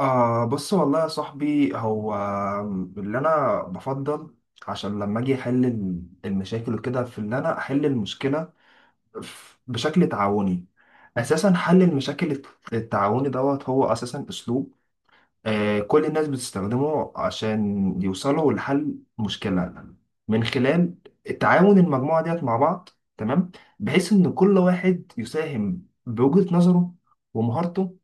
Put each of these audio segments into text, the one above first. آه، بص والله يا صاحبي. هو اللي أنا بفضل، عشان لما أجي أحل المشاكل وكده، في اللي أنا أحل المشكلة بشكل تعاوني. أساسا حل المشاكل التعاوني دوت هو أساسا أسلوب كل الناس بتستخدمه عشان يوصلوا لحل مشكلة، من خلال تعاون المجموعة ديت مع بعض. تمام. بحيث إن كل واحد يساهم بوجهة نظره ومهارته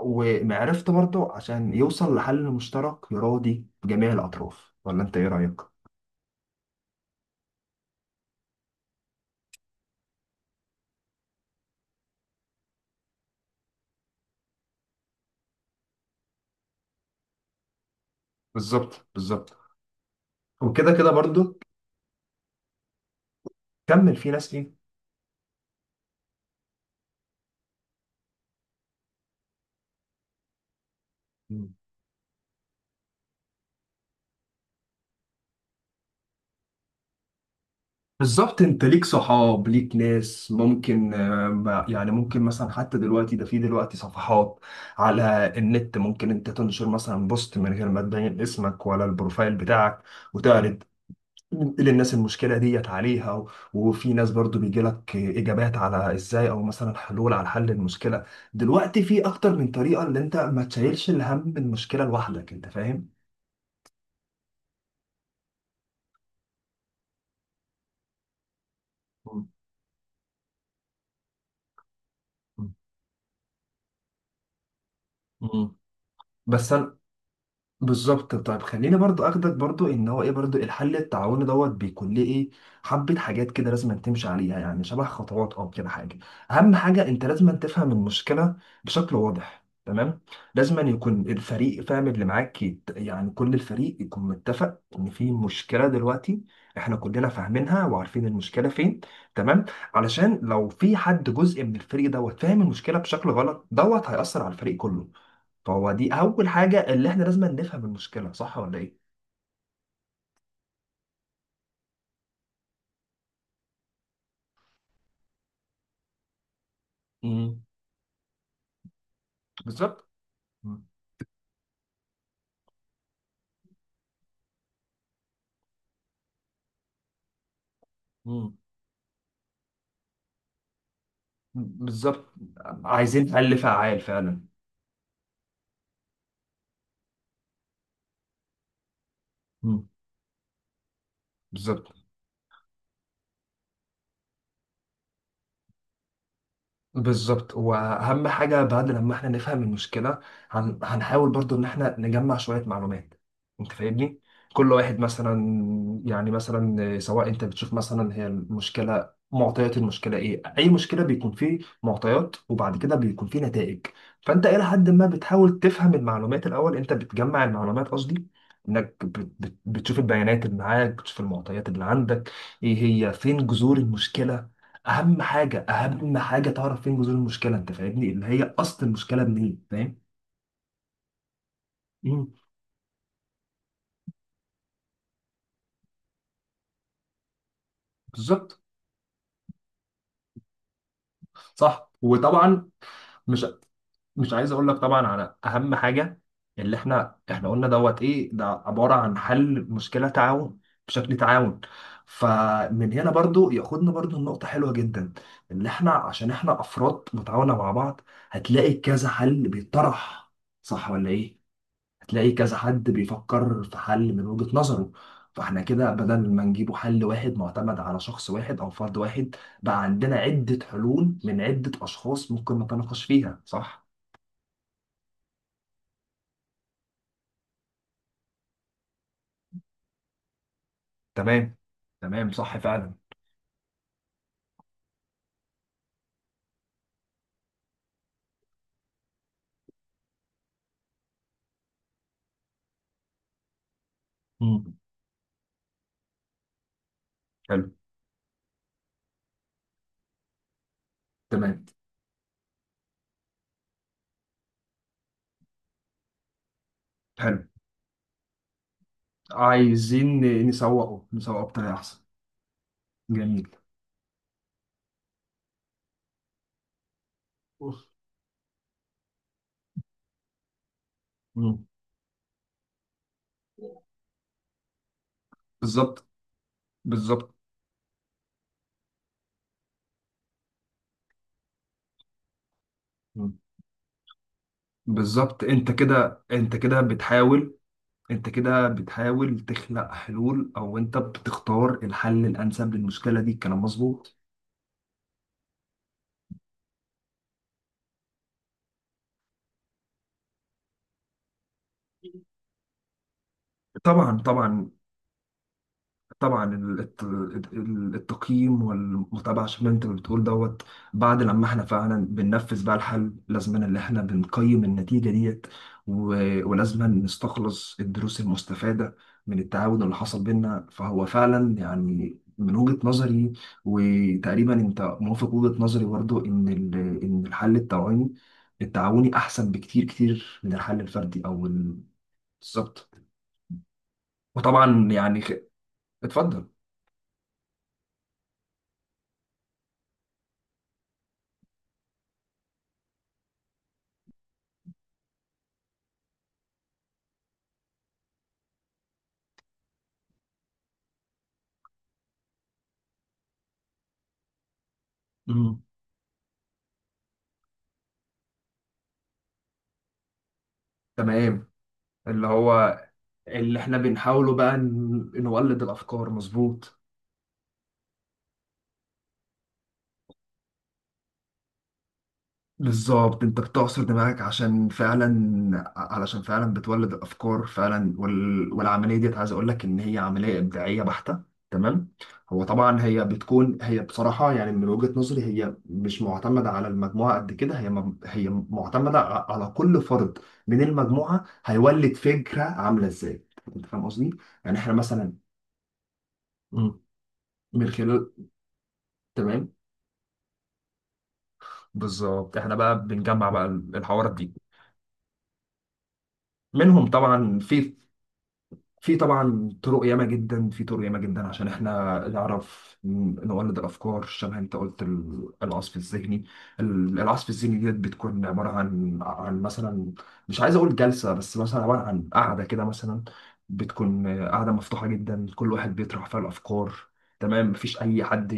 ومعرفت برضه، عشان يوصل لحل مشترك يراضي جميع الأطراف. ولا أنت إيه رأيك؟ بالظبط بالظبط. وكده كده برضه. كمل، في ناس إيه؟ مم. بالظبط. أنت ليك صحاب، ليك ناس ممكن يعني ممكن مثلا حتى دلوقتي ده، في دلوقتي صفحات على النت ممكن أنت تنشر مثلا بوست من غير ما تبين اسمك ولا البروفايل بتاعك، وتعرض للناس المشكله ديت عليها، وفي ناس برضو بيجي لك اجابات على ازاي او مثلا حلول على حل المشكله. دلوقتي في اكتر من طريقه، اللي انت ما تشيلش الهم من المشكله لوحدك، انت فاهم. مم. مم. بس أنا- بالظبط. طيب خليني برضو اخدك برضو ان هو ايه، برضو الحل التعاوني دوت بيكون ليه ايه حبة حاجات كده لازم تمشي عليها، يعني شبه خطوات او كده حاجة. اهم حاجة، انت لازم تفهم المشكلة بشكل واضح. تمام. لازم يكون الفريق فاهم، اللي معاك يعني كل الفريق يكون متفق ان في مشكلة دلوقتي، احنا كلنا فاهمينها وعارفين المشكلة فين. تمام. علشان لو في حد جزء من الفريق دوت فاهم المشكلة بشكل غلط، دوت هيأثر على الفريق كله. فهو دي اول حاجه، اللي احنا لازم نفهم المشكله، صح ولا ايه. مم. بالظبط. مم. مم. بالظبط. عايزين حل فعال فعلا. مم. بالظبط بالظبط. واهم حاجه بعد لما احنا نفهم المشكله، هنحاول برضو ان احنا نجمع شويه معلومات. انت فاهمني. كل واحد مثلا، يعني مثلا سواء انت بتشوف مثلا هي المشكله، معطيات المشكله ايه، اي مشكله بيكون فيه معطيات وبعد كده بيكون فيه نتائج. فانت الى حد ما بتحاول تفهم المعلومات الاول، انت بتجمع المعلومات قصدي، انك بتشوف البيانات اللي معاك، بتشوف المعطيات اللي عندك، ايه هي، فين جذور المشكله. اهم حاجه اهم حاجه تعرف فين جذور المشكله، انت فاهمني، اللي هي اصل المشكله منين، فاهم. مم. بالظبط. صح، وطبعا مش مش عايز اقول لك، طبعا، على اهم حاجه. اللي احنا قلنا دوت ايه، ده عباره عن حل مشكله تعاون، بشكل تعاون. فمن هنا برضو ياخدنا برضو، النقطة حلوة جدا، اللي احنا عشان احنا افراد متعاونة مع بعض، هتلاقي كذا حل بيطرح، صح ولا ايه؟ هتلاقي كذا حد بيفكر في حل من وجهة نظره، فاحنا كده بدل ما نجيبه حل واحد معتمد على شخص واحد او فرد واحد، بقى عندنا عدة حلول من عدة اشخاص ممكن نتناقش فيها. صح. تمام تمام. صح فعلا. مم. حلو. تمام. حلو، عايزين نسوقه، نسوقه بطريقة احسن. جميل. مم. بالظبط. بالظبط. مم. بالظبط، انت كده، انت كده بتحاول، انت كده بتحاول تخلق حلول، او انت بتختار الحل الانسب للمشكله دي. الكلام مظبوط. طبعا طبعا طبعا. التقييم والمتابعه، عشان ما انت بتقول دوت، بعد لما احنا فعلا بننفذ بقى الحل، لازم ان احنا بنقيم النتيجه ديت، ولازم نستخلص الدروس المستفاده من التعاون اللي حصل بينا. فهو فعلا يعني من وجهه نظري، وتقريبا انت موافق وجهه نظري برضو، ان ان الحل التعاوني التعاوني احسن بكتير كتير من الحل الفردي او بالظبط. وطبعا يعني اتفضل. مم. تمام. اللي هو اللي احنا بنحاوله بقى نولد الافكار، مظبوط. بالظبط، انت بتعصر دماغك عشان فعلا، علشان فعلا بتولد الافكار فعلا، والعمليه ديت عايز اقول لك ان هي عمليه ابداعيه بحته. تمام. هو طبعا هي بتكون، هي بصراحه يعني من وجهه نظري، هي مش معتمده على المجموعه قد كده، هي هي معتمده على كل فرد من المجموعه، هيولد فكره عامله ازاي، انت فاهم قصدي. يعني احنا مثلا، مم. من خلال. تمام. بالظبط، احنا بقى بنجمع بقى الحوارات دي منهم. طبعا في، في طبعا طرق ياما جدا، في طرق ياما جدا عشان احنا نعرف نولد الافكار، شبه انت قلت العصف الذهني. العصف الذهني ديت بتكون عباره عن مثلا، مش عايز اقول جلسه، بس مثلا عباره عن قعده كده مثلا. بتكون قعده مفتوحه جدا، كل واحد بيطرح فيها الافكار. تمام. مفيش اي حد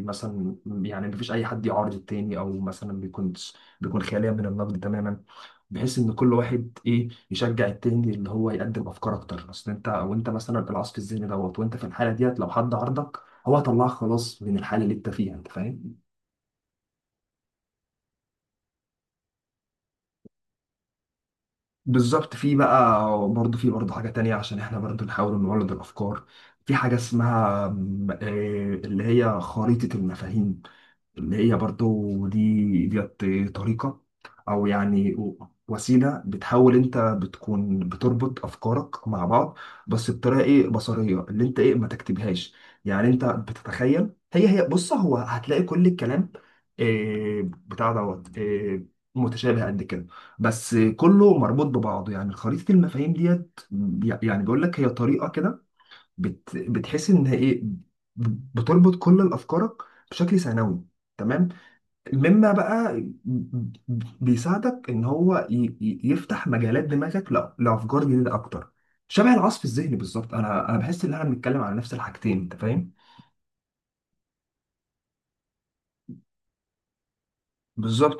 مثلا، يعني مفيش اي حد يعارض التاني، او مثلا بيكون، بيكون خالية من النقد تماما. بحيث ان كل واحد ايه يشجع التاني، اللي هو يقدم افكار اكتر. اصل انت، وانت مثلا العصف الذهني دوت، وانت في الحاله ديت لو حد عرضك، هو هيطلعك خلاص من الحاله اللي انت فيها، انت فاهم. بالظبط. في بقى برضه، في برضه حاجه تانية عشان احنا برضه نحاول نولد الافكار. في حاجه اسمها اللي هي خريطه المفاهيم، اللي هي برضو دي ديت، طريقة أو يعني وسيلة، بتحاول أنت بتكون بتربط أفكارك مع بعض، بس بطريقة إيه، بصرية، اللي أنت إيه ما تكتبهاش. يعني أنت بتتخيل، هي هي بص، هو هتلاقي كل الكلام إيه بتاع دوت إيه، متشابه قد كده، بس كله مربوط ببعضه. يعني خريطة المفاهيم ديت، يعني بيقول لك هي طريقة كده، بتحس إن هي إيه، بتربط كل الأفكارك بشكل ثانوي. تمام. مما بقى بيساعدك ان هو يفتح مجالات دماغك لافكار جديده اكتر. شبه العصف الذهني بالظبط. انا بحس ان احنا بنتكلم على نفس الحاجتين، انت فاهم. بالظبط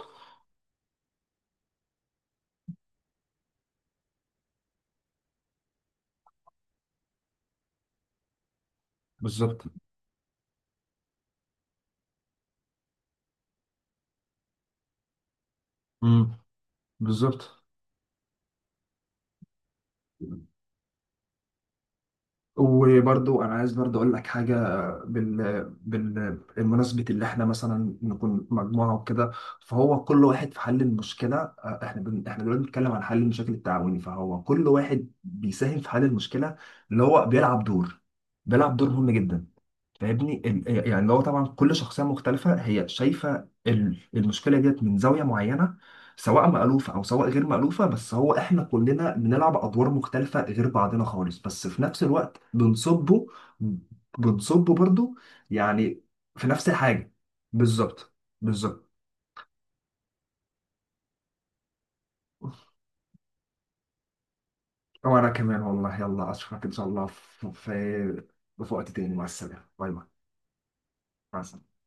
بالظبط. امم. بالظبط. وبرضو انا عايز برضو اقول لك حاجه، بمناسبه اللي احنا مثلا نكون مجموعه وكده، فهو كل واحد في حل المشكله، احنا احنا دلوقتي بنتكلم عن حل المشاكل التعاوني، فهو كل واحد بيساهم في حل المشكله، اللي هو بيلعب دور، بيلعب دور مهم جدا، فاهمني. يعني هو طبعا كل شخصيه مختلفه، هي شايفه المشكله ديت من زاويه معينه، سواء مألوفه او سواء غير مألوفه. بس هو احنا كلنا بنلعب ادوار مختلفه غير بعضنا خالص، بس في نفس الوقت بنصبه، بنصبه برضو يعني في نفس الحاجه. بالظبط. بالظبط. وانا كمان والله، يلا اشوفك ان شاء الله في وقت تاني. مع السلامه. باي باي. مع السلامه.